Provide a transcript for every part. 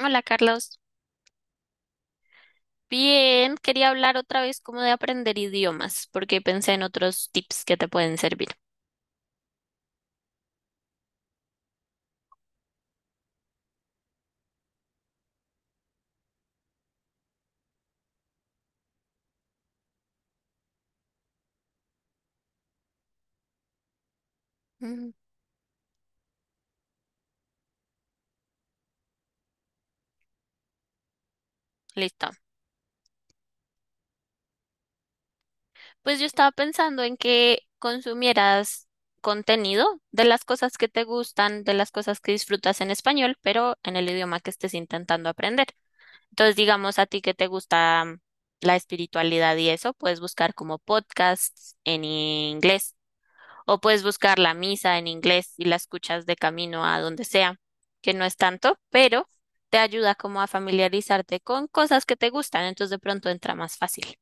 Hola Carlos, bien, quería hablar otra vez como de aprender idiomas, porque pensé en otros tips que te pueden servir. Mm. Listo. Pues yo estaba pensando en que consumieras contenido de las cosas que te gustan, de las cosas que disfrutas en español, pero en el idioma que estés intentando aprender. Entonces, digamos, a ti que te gusta la espiritualidad y eso, puedes buscar como podcasts en inglés o puedes buscar la misa en inglés y la escuchas de camino a donde sea, que no es tanto, pero te ayuda como a familiarizarte con cosas que te gustan, entonces de pronto entra más fácil.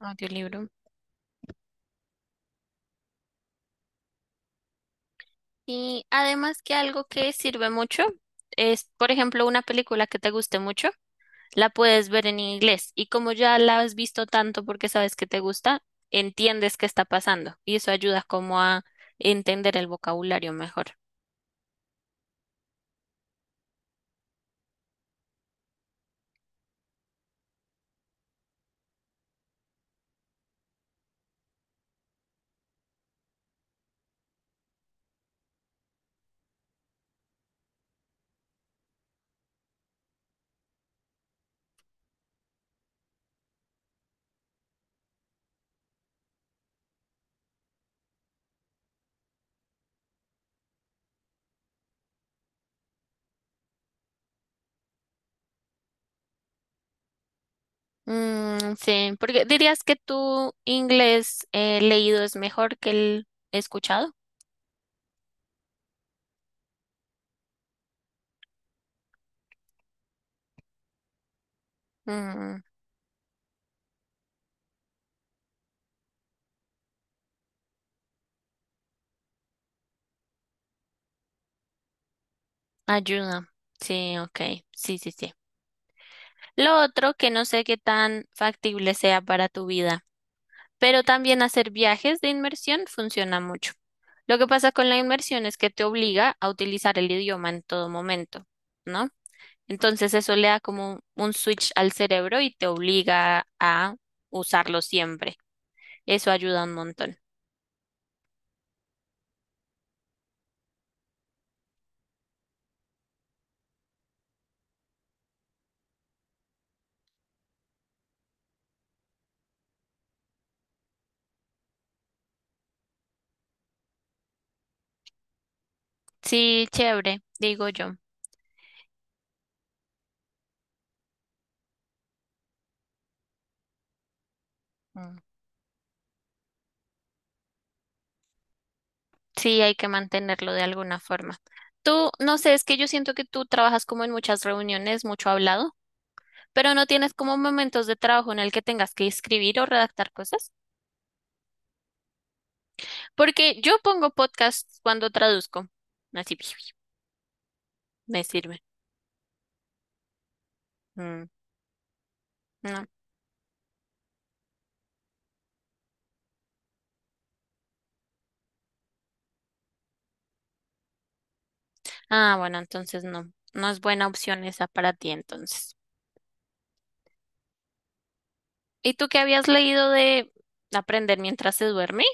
Audiolibro. Y además que algo que sirve mucho es, por ejemplo, una película que te guste mucho, la puedes ver en inglés, y como ya la has visto tanto porque sabes que te gusta, entiendes qué está pasando y eso ayuda como a entender el vocabulario mejor. Mm, sí, porque dirías que tu inglés leído es mejor que el escuchado. Mm, ayuda. Sí, ok. Sí, sí, sí. Lo otro que no sé qué tan factible sea para tu vida, pero también hacer viajes de inmersión funciona mucho. Lo que pasa con la inmersión es que te obliga a utilizar el idioma en todo momento, ¿no? Entonces eso le da como un switch al cerebro y te obliga a usarlo siempre. Eso ayuda un montón. Sí, chévere, digo yo. Mm. Sí, hay que mantenerlo de alguna forma. Tú, no sé, es que yo siento que tú trabajas como en muchas reuniones, mucho hablado, pero no tienes como momentos de trabajo en el que tengas que escribir o redactar cosas. Porque yo pongo podcasts cuando traduzco. Así, me sirve. Mm, no. Ah, bueno, entonces no. No es buena opción esa para ti entonces. ¿Y tú qué habías leído de aprender mientras se duerme?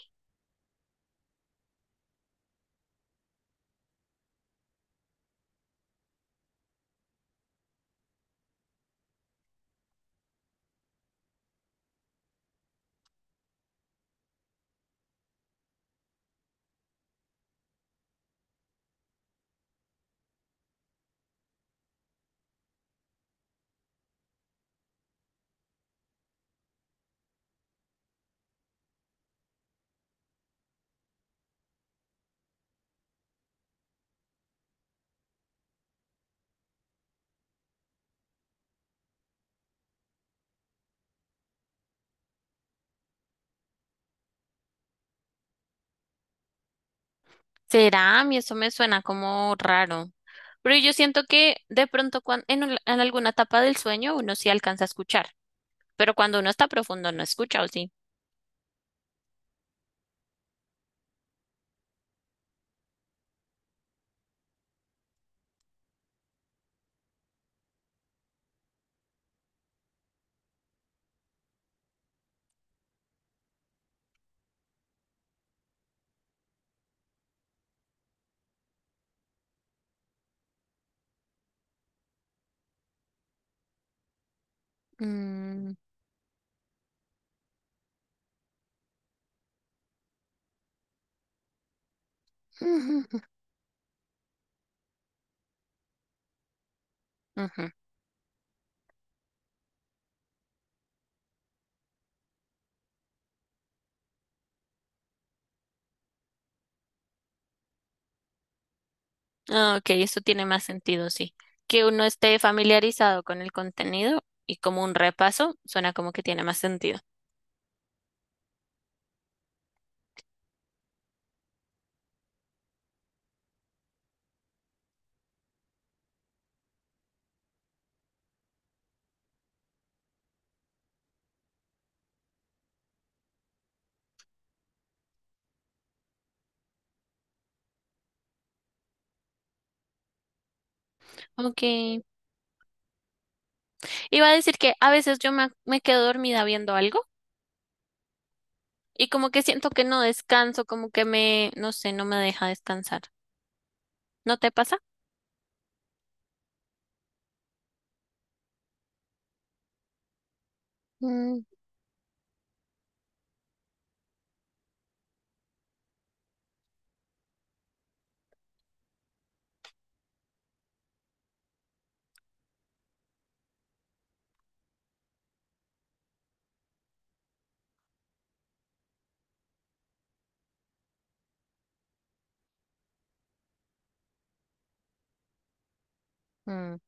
¿Será? A mí eso me suena como raro. Pero yo siento que de pronto en alguna etapa del sueño uno sí alcanza a escuchar. Pero cuando uno está profundo no escucha, ¿o sí? Mm. Ujú. Ah, ok, eso tiene más sentido, sí. Que uno esté familiarizado con el contenido y como un repaso, suena como que tiene más sentido. Ok. Iba a decir que a veces yo me quedo dormida viendo algo, y como que siento que no descanso, como que me, no sé, no me deja descansar. ¿No te pasa? Mm, mm.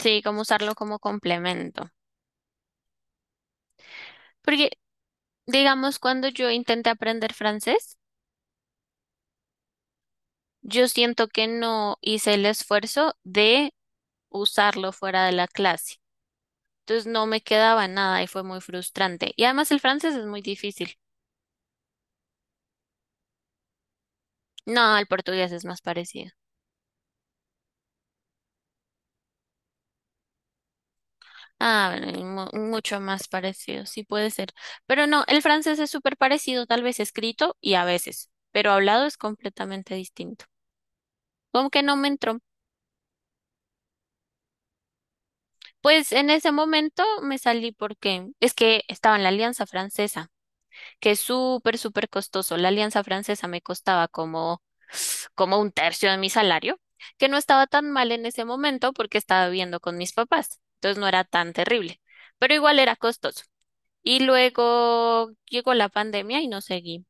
Sí, como usarlo como complemento. Porque, digamos, cuando yo intenté aprender francés, yo siento que no hice el esfuerzo de usarlo fuera de la clase. Entonces no me quedaba nada y fue muy frustrante. Y además el francés es muy difícil. No, el portugués es más parecido. Ah, bueno, y mucho más parecido, sí puede ser. Pero no, el francés es súper parecido, tal vez escrito y a veces, pero hablado es completamente distinto. Como que no me entró. Pues en ese momento me salí porque es que estaba en la Alianza Francesa, que es súper, súper costoso. La Alianza Francesa me costaba como, como un tercio de mi salario, que no estaba tan mal en ese momento porque estaba viviendo con mis papás, entonces no era tan terrible, pero igual era costoso. Y luego llegó la pandemia y no seguí.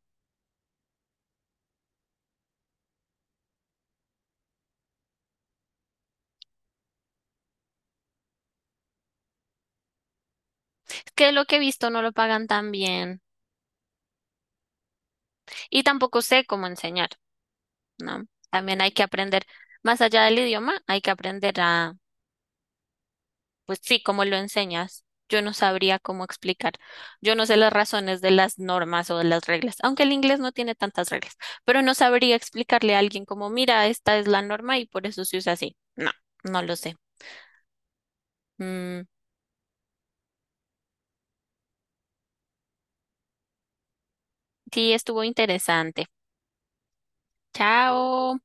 Es que lo que he visto no lo pagan tan bien y tampoco sé cómo enseñar, ¿no? También hay que aprender, más allá del idioma, hay que aprender a... Pues sí, como lo enseñas, yo no sabría cómo explicar. Yo no sé las razones de las normas o de las reglas, aunque el inglés no tiene tantas reglas, pero no sabría explicarle a alguien como, mira, esta es la norma y por eso se usa así. No, no lo sé. Mm, sí, estuvo interesante. Chao.